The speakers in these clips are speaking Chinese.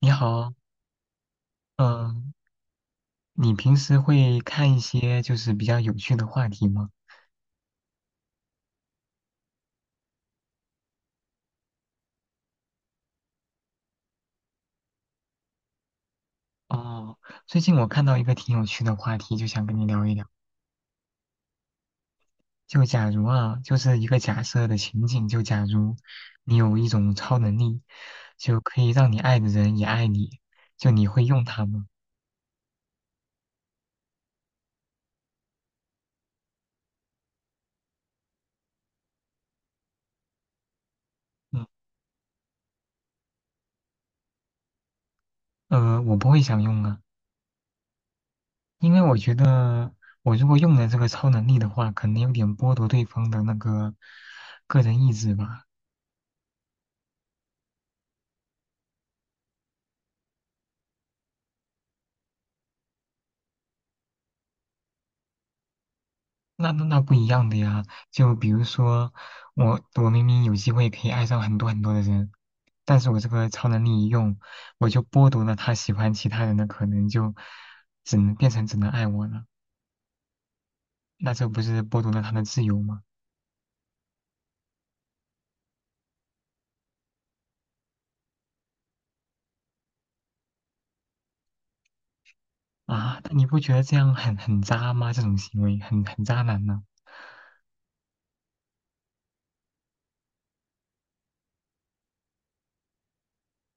你好，嗯，你平时会看一些就是比较有趣的话题吗？哦，最近我看到一个挺有趣的话题，就想跟你聊一聊。就假如啊，就是一个假设的情景，就假如你有一种超能力，就可以让你爱的人也爱你，就你会用它吗？嗯，我不会想用啊，因为我觉得我如果用了这个超能力的话，可能有点剥夺对方的那个个人意志吧。那不一样的呀，就比如说，我明明有机会可以爱上很多很多的人，但是我这个超能力一用，我就剥夺了他喜欢其他人的可能，就只能变成只能爱我了，那这不是剥夺了他的自由吗？啊，那你不觉得这样很渣吗？这种行为很渣男呢。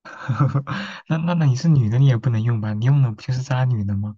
那你是女的，你也不能用吧？你用的不就是渣女的吗？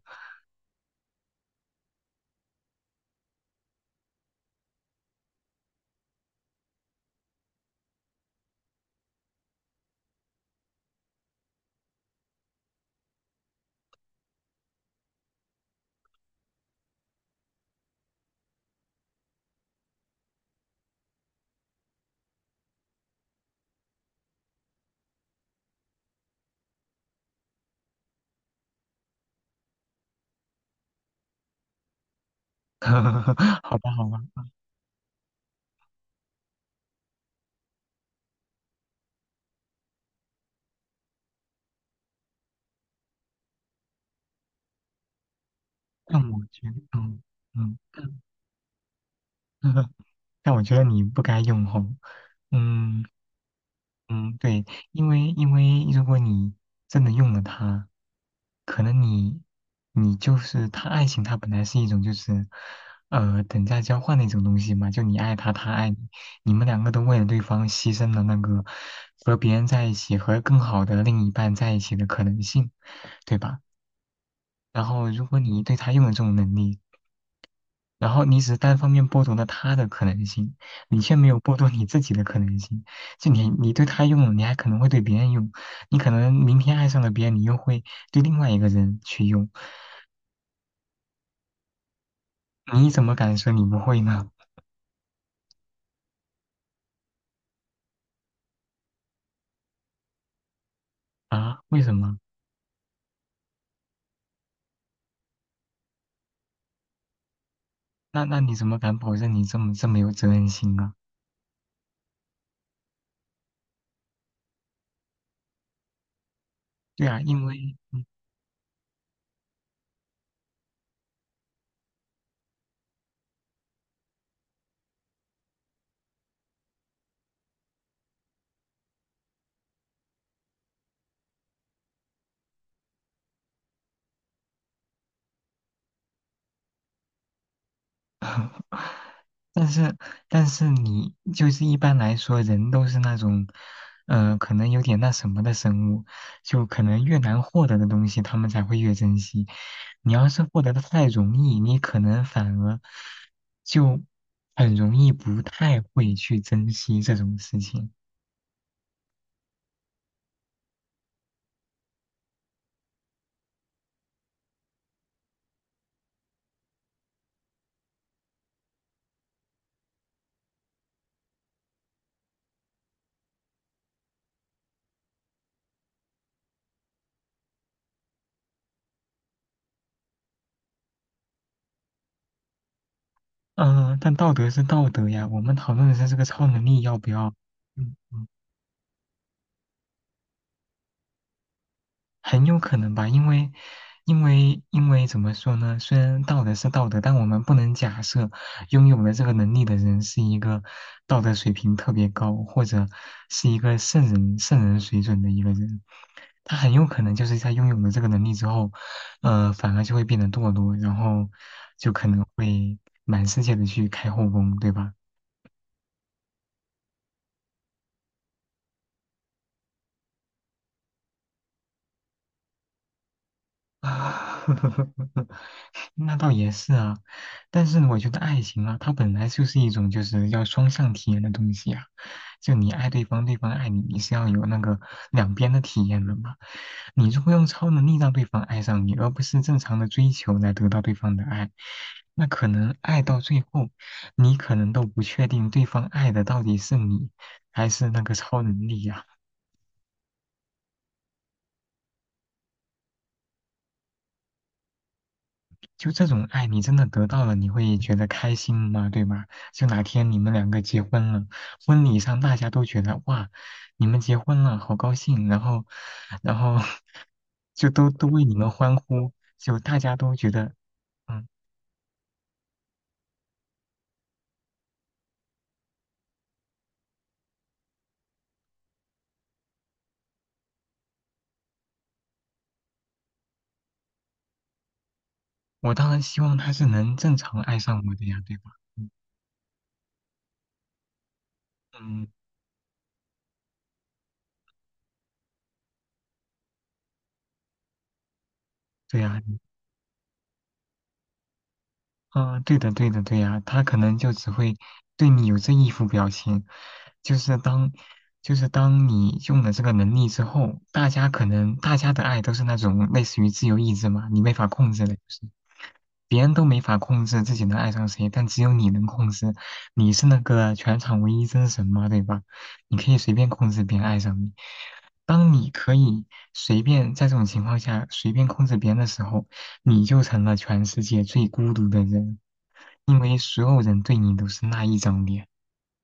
好吧好吧，但我觉得，嗯嗯，但我觉得你不该用吼。嗯嗯，对，因为如果你真的用了它，可能你就是他爱情，它本来是一种就是等价交换的一种东西嘛，就你爱他，他爱你，你们两个都为了对方牺牲了那个和别人在一起和更好的另一半在一起的可能性，对吧？然后如果你对他用了这种能力，然后你只是单方面剥夺了他的可能性，你却没有剥夺你自己的可能性。就你对他用了，你还可能会对别人用，你可能明天爱上了别人，你又会对另外一个人去用，你怎么敢说你不会呢？啊，为什么？那你怎么敢保证你这么有责任心啊？对啊，因为 但是，你就是一般来说，人都是那种，可能有点那什么的生物，就可能越难获得的东西，他们才会越珍惜。你要是获得的太容易，你可能反而就很容易不太会去珍惜这种事情。嗯，但道德是道德呀，我们讨论的是这个超能力要不要，嗯嗯很有可能吧，因为，因为怎么说呢？虽然道德是道德，但我们不能假设拥有了这个能力的人是一个道德水平特别高，或者是一个圣人水准的一个人。他很有可能就是在拥有了这个能力之后，反而就会变得堕落，然后就可能会满世界的去开后宫，对吧？那倒也是啊，但是我觉得爱情啊，它本来就是一种就是要双向体验的东西啊。就你爱对方，对方爱你，你是要有那个两边的体验的嘛。你如果用超能力让对方爱上你，而不是正常的追求来得到对方的爱，那可能爱到最后，你可能都不确定对方爱的到底是你还是那个超能力呀，就这种爱，你真的得到了，你会觉得开心吗？对吗？就哪天你们两个结婚了，婚礼上大家都觉得哇，你们结婚了，好高兴，然后，然后 就都为你们欢呼，就大家都觉得，嗯，我当然希望他是能正常爱上我的呀，对吧？嗯，嗯对呀，啊，对的，对的，对呀，他可能就只会对你有这一副表情，就是当，就是当你用了这个能力之后，大家的爱都是那种类似于自由意志嘛，你没法控制的，就是别人都没法控制自己能爱上谁，但只有你能控制。你是那个全场唯一真神嘛，对吧？你可以随便控制别人爱上你。当你可以随便在这种情况下随便控制别人的时候，你就成了全世界最孤独的人，因为所有人对你都是那一张脸，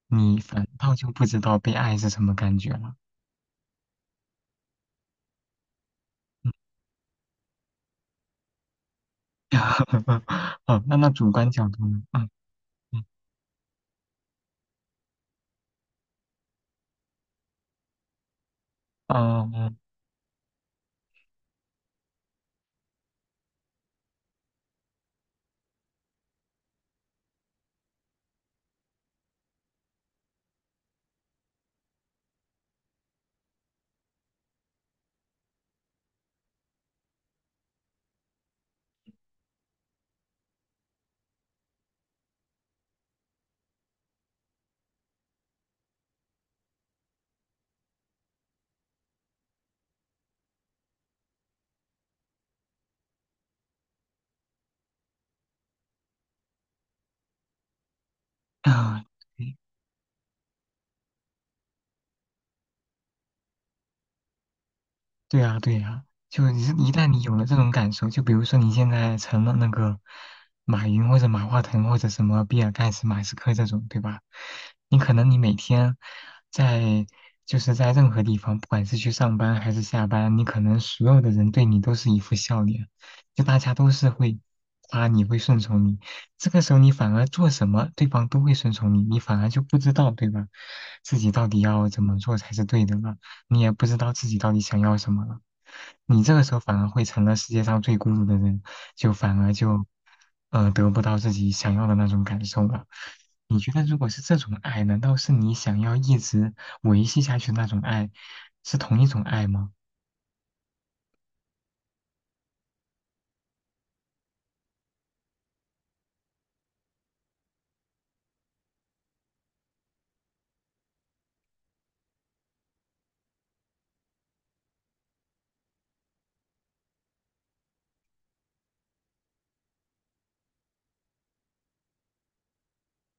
你反倒就不知道被爱是什么感觉了。嗯，哦，那主观角度呢？嗯嗯嗯嗯，啊对对呀，对呀，就你一旦你有了这种感受，就比如说你现在成了那个马云或者马化腾或者什么比尔盖茨、马斯克这种，对吧？你可能你每天在就是在任何地方，不管是去上班还是下班，你可能所有的人对你都是一副笑脸，就大家都是会夸你，会顺从你。这个时候你反而做什么，对方都会顺从你，你反而就不知道，对吧？自己到底要怎么做才是对的了。你也不知道自己到底想要什么了。你这个时候反而会成了世界上最孤独的人，就反而就，得不到自己想要的那种感受了。你觉得如果是这种爱，难道是你想要一直维系下去的那种爱，是同一种爱吗？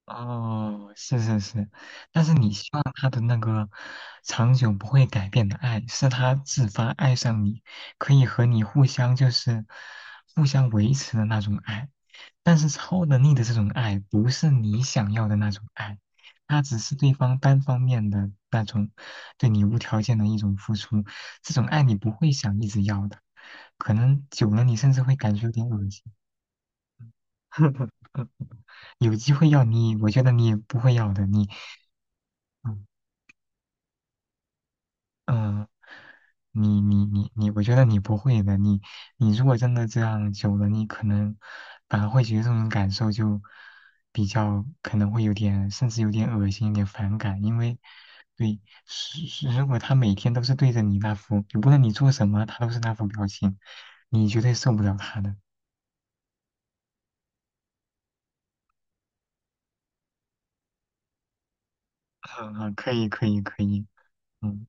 哦，是是是，但是你希望他的那个长久不会改变的爱，是他自发爱上你，可以和你互相维持的那种爱。但是超能力的这种爱，不是你想要的那种爱，它只是对方单方面的那种对你无条件的一种付出。这种爱你不会想一直要的，可能久了你甚至会感觉有点恶心。有机会要你，我觉得你也不会要的。你，嗯嗯，你，我觉得你不会的。你如果真的这样久了，你可能反而会觉得这种感受就比较可能会有点，甚至有点恶心，有点反感。因为对，是如果他每天都是对着你那副，就不论你做什么，他都是那副表情，你绝对受不了他的。嗯嗯，可以可以可以，嗯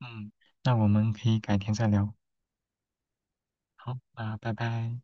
嗯，那我们可以改天再聊。好，那拜拜。